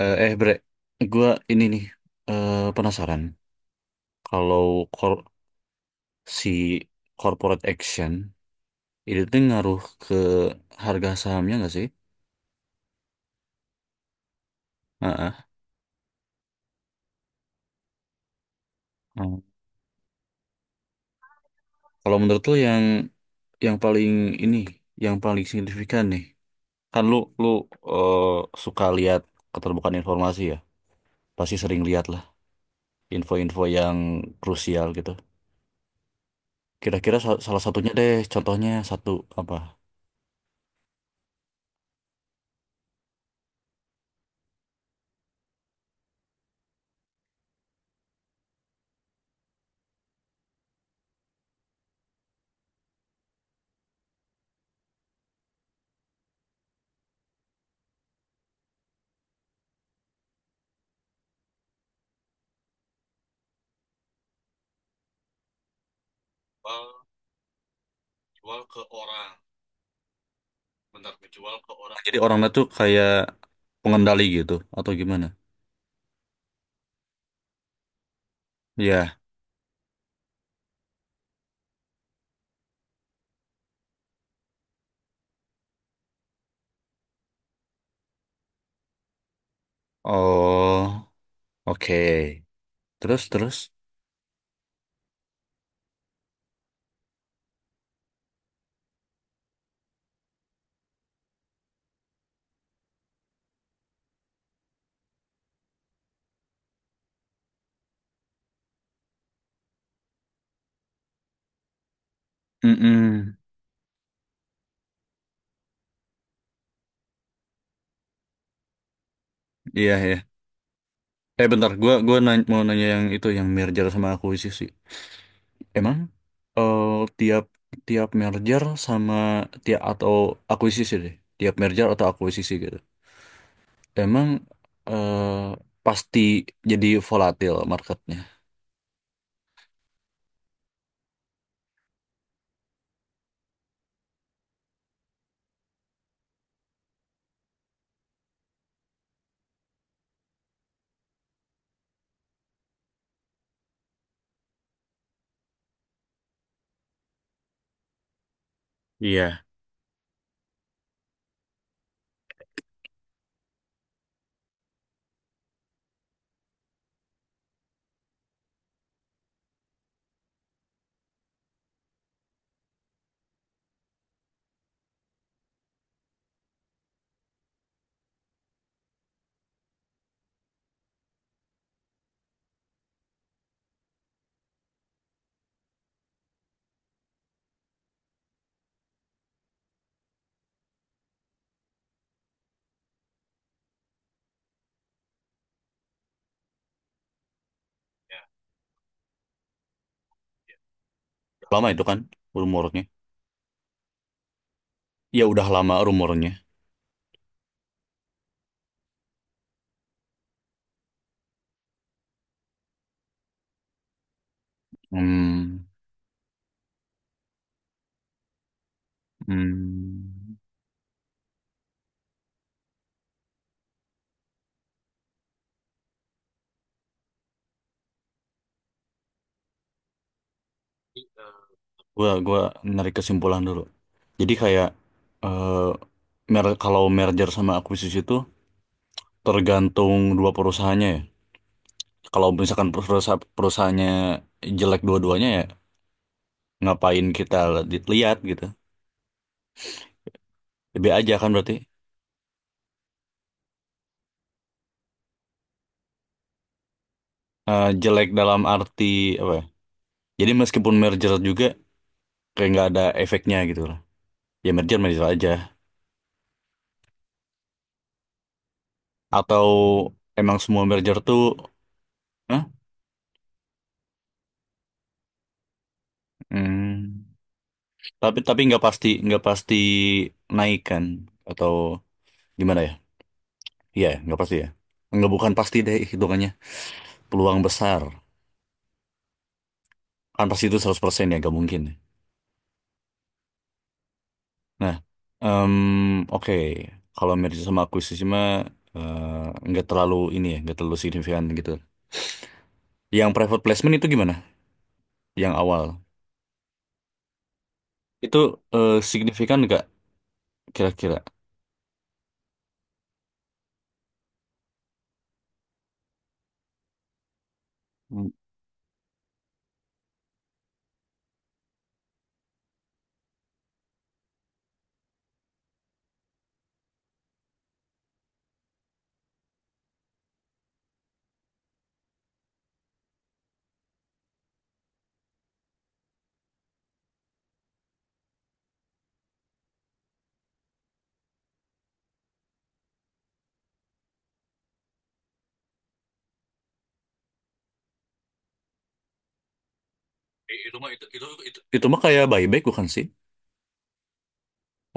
Bre, gue ini nih eh, penasaran kalau kor- si corporate action itu tuh ngaruh ke harga sahamnya nggak sih? Heeh. Hmm. Kalau menurut lo yang paling ini, yang paling signifikan nih, kan lu lu eh, suka lihat keterbukaan informasi ya, pasti sering lihat lah info-info yang krusial gitu. Kira-kira salah satunya deh, contohnya satu apa? Jual, jual ke orang. Benar menjual ke orang. Jadi orangnya tuh kayak pengendali gitu atau gimana? Ya. Oh, oke. Terus terus. Mm-mm. Iya ya. Eh bentar, gua nanya, mau nanya yang itu yang merger sama akuisisi. Emang eh tiap tiap merger sama tiap atau akuisisi deh. Tiap merger atau akuisisi gitu. Emang eh pasti jadi volatil marketnya. Iya. Lama itu kan rumornya. Ya udah lama rumornya. Hmm, hmm. Gua narik kesimpulan dulu. Jadi kayak eh kalau merger sama akuisisi itu tergantung dua perusahaannya ya. Kalau misalkan perusahaannya jelek dua-duanya, ya ngapain kita lihat gitu. Lebih aja kan berarti jelek dalam arti apa ya? Jadi meskipun merger juga kayak nggak ada efeknya gitu lah. Ya merger merger aja. Atau emang semua merger tuh? Hah? Hmm. Tapi nggak pasti naikkan atau gimana ya? Iya, nggak pasti ya. Nggak, bukan pasti deh hitungannya. Peluang besar. Kan pasti itu 100% ya, nggak mungkin. Ya. Nah, em, oke. Kalau merger sama akuisisi mah nggak terlalu ini ya, nggak terlalu signifikan gitu. Yang private placement itu gimana? Yang awal. Itu signifikan nggak kira-kira? Hmm. Itu mah itu mah kayak buyback bukan sih?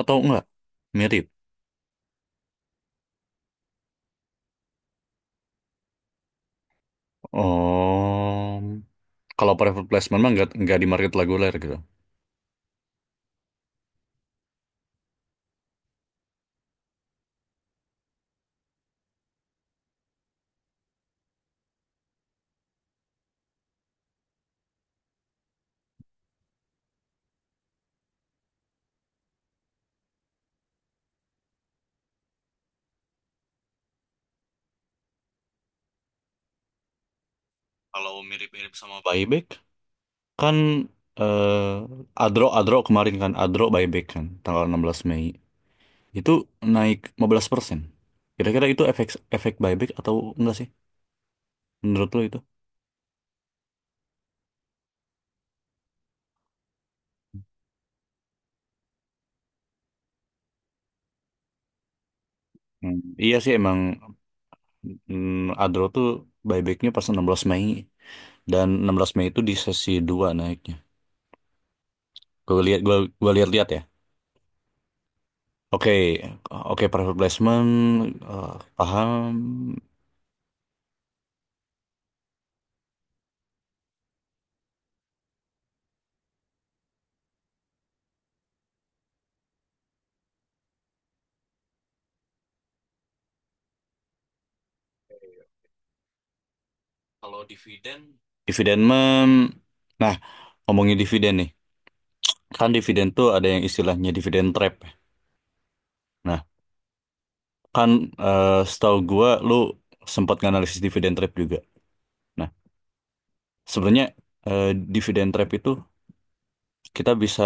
Atau enggak? Mirip. Oh, kalau private placement mah nggak di market reguler gitu. Kalau mirip-mirip sama buyback kan Adro Adro kemarin kan Adro buyback kan tanggal 16 Mei itu naik 15%. Kira-kira itu efek efek buyback atau enggak sih menurut lo itu? Hmm. Iya sih emang Adro tuh buybacknya pas 16 Mei, dan 16 Mei itu di sesi 2 naiknya. Gue lihat, gua lihat-lihat ya. Oke, oke, private placement eh, paham. Kalau dividen, dividen men nah, ngomongin dividen nih, kan dividen tuh ada yang istilahnya dividen trap ya. Nah, kan setahu gua lu sempat nganalisis dividen trap juga. Nah, sebenarnya eh, dividen trap itu kita bisa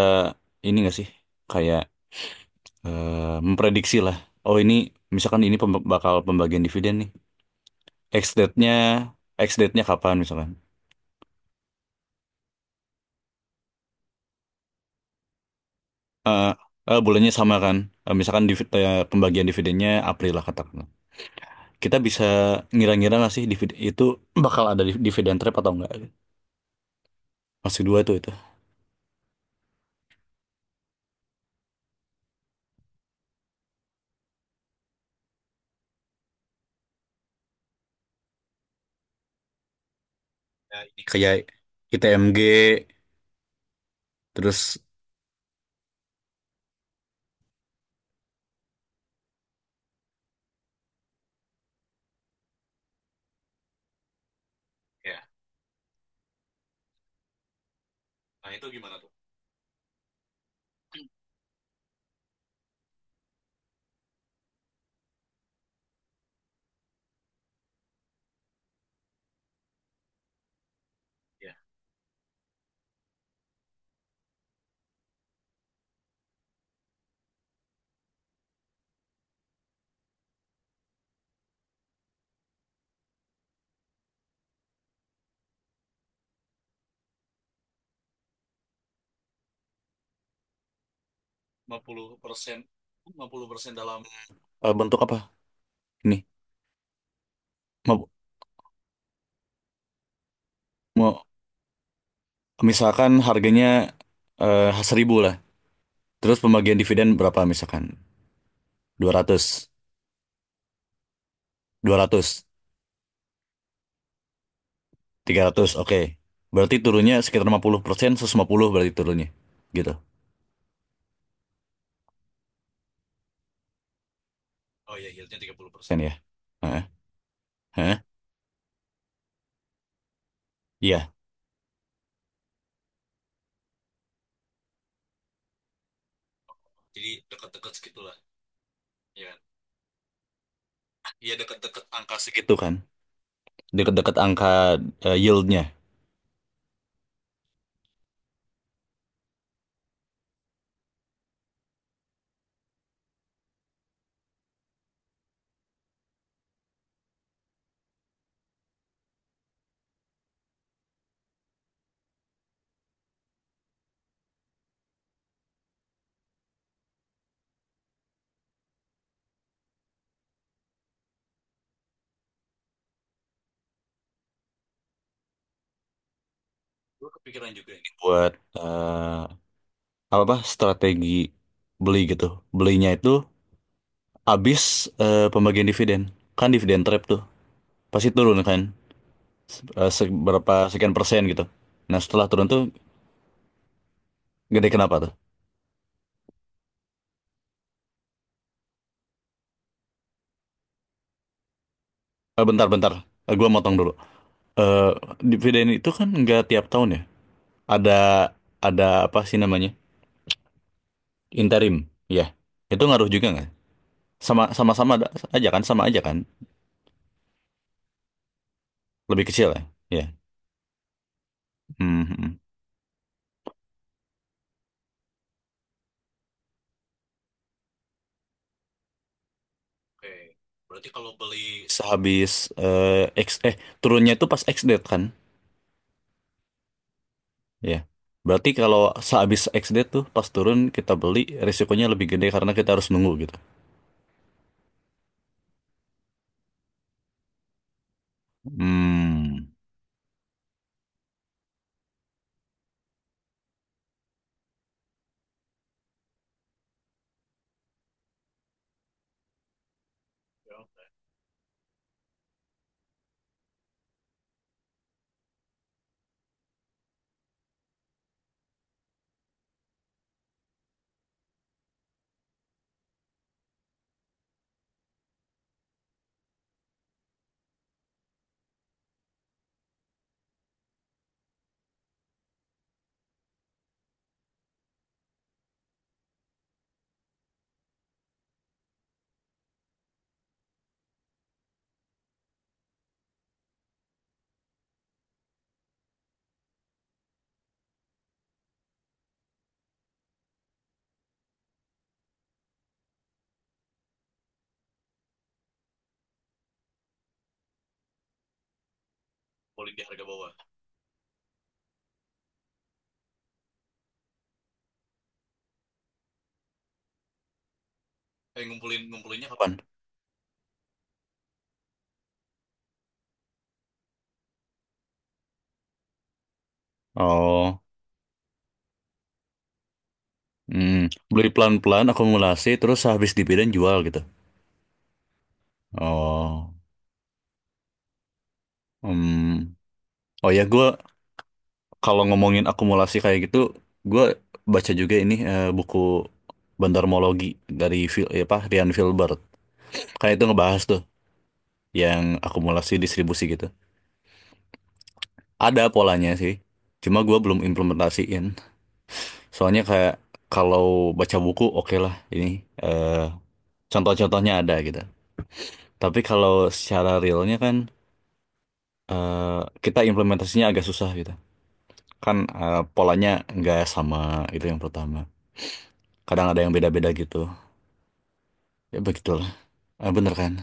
ini nggak sih, kayak memprediksi lah, oh ini, misalkan ini bakal pembagian dividen nih. Ex date-nya, kapan misalkan? eh bulannya sama kan. Eh, misalkan pembagian dividennya April lah katakanlah. Kita bisa ngira-ngira nggak sih dividen itu bakal ada dividen trap atau enggak? Masih dua tuh itu. Ya, ini kayak ITMG terus. Ya, 50%, 50% dalam bentuk apa? Ini mau, mau misalkan harganya 1000 lah. Terus pembagian dividen berapa misalkan? 200, 200. 300, oke. Berarti turunnya sekitar 50%, 150 berarti turunnya. Gitu. Oh iya, yieldnya 30% ya. Heeh. Heeh. Iya. Jadi dekat-dekat segitulah. Ya, kan? Iya, dekat-dekat angka segitu kan. Dekat-dekat angka yieldnya. Gue kepikiran juga ini buat eh, apa apa strategi beli gitu. Belinya itu abis pembagian dividen. Kan dividen trap tuh. Pasti turun kan. Seberapa sekian persen gitu. Nah, setelah turun tuh gede, kenapa tuh? Eh, bentar, bentar. Eh, gua motong dulu. Eh, dividen itu kan nggak tiap tahun ya. Ada apa sih namanya? Interim. Ya. Itu ngaruh juga nggak? Sama sama Sama aja kan? Sama aja kan? Lebih kecil ya. Ya. Hmm, hmm. Oke. Berarti kalau beli sehabis X eh turunnya itu pas X date kan? Ya. Berarti kalau sehabis X date tuh pas turun kita beli, risikonya lebih gede karena kita harus nunggu gitu. Hmm. Ngumpulin di harga bawah. Eh, ngumpulin, ngumpulinnya kapan? Kapan? Oh. Hmm, beli pelan-pelan, akumulasi, terus habis dibidan jual gitu. Oh, hmm. Oh ya, gue kalau ngomongin akumulasi kayak gitu, gue baca juga ini buku Bandarmologi dari apa, Ryan Filbert. Kayak itu ngebahas tuh yang akumulasi distribusi gitu. Ada polanya sih, cuma gue belum implementasiin. Soalnya kayak kalau baca buku oke lah ini eh, contoh-contohnya ada gitu. Tapi kalau secara realnya kan kita implementasinya agak susah gitu. Kan, polanya nggak sama itu yang pertama. Kadang ada yang beda-beda gitu. Ya begitulah. Eh, bener kan?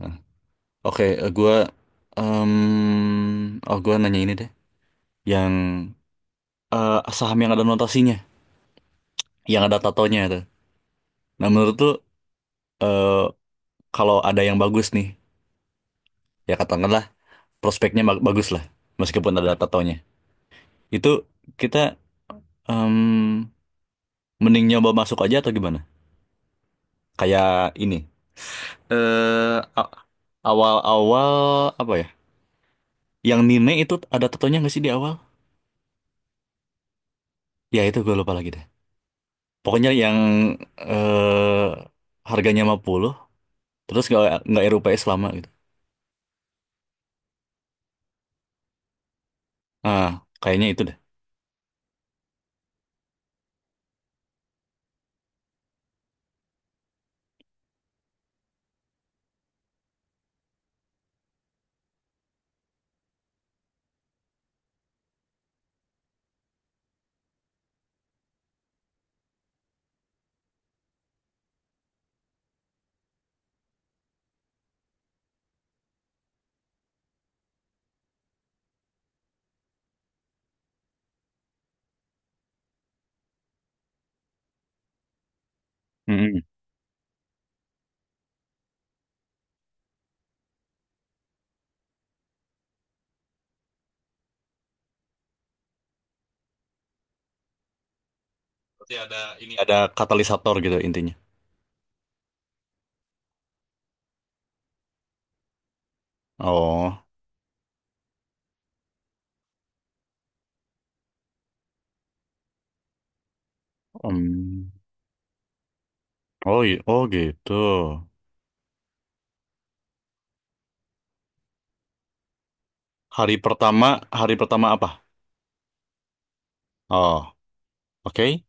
Nah, oke, em, oh gua nanya ini deh. Yang saham yang ada notasinya, yang ada tatonya itu. Nah, menurut lu eh, kalau ada yang bagus nih, ya katakanlah prospeknya bagus lah, meskipun ada tatonya. Itu kita em, mending nyoba masuk aja atau gimana? Kayak ini. Eh, awal-awal apa ya? Yang Nine itu ada tatonya nggak sih di awal? Ya itu gue lupa lagi deh. Pokoknya yang eh harganya 50, terus nggak RUPS lama gitu. Ah, kayaknya itu deh. Mm-mm. Berarti ada ini, ada katalisator gitu intinya. Oh, mm. Oh, oh gitu. Hari pertama, hari pertama apa? Oh, oke.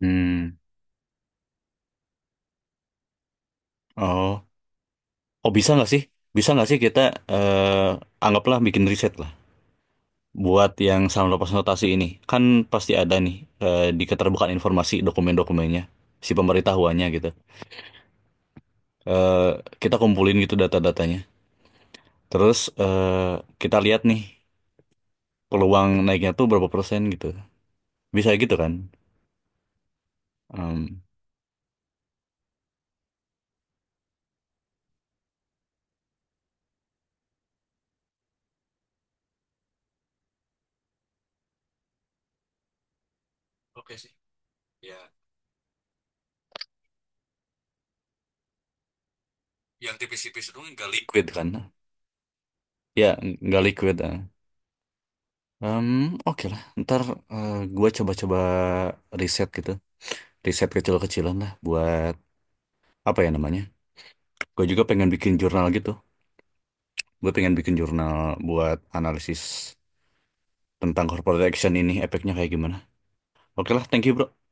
Hmm. Oh, oh bisa nggak sih? Bisa nggak sih kita eh anggaplah bikin riset lah buat yang sama lepas notasi ini kan pasti ada nih di keterbukaan informasi dokumen-dokumennya, si pemberitahuannya gitu. Eh, kita kumpulin gitu data-datanya, terus kita lihat nih peluang naiknya tuh berapa persen gitu, bisa gitu kan. Em, oke sih. Ya, yang tipis-tipis itu nggak liquid kan, ya nggak liquid ah. Em, oke lah ntar gua coba-coba riset gitu, riset kecil-kecilan lah buat apa ya namanya, gue juga pengen bikin jurnal gitu. Gue pengen bikin jurnal buat analisis tentang corporate action ini, efeknya kayak gimana. Oke lah, thank you bro.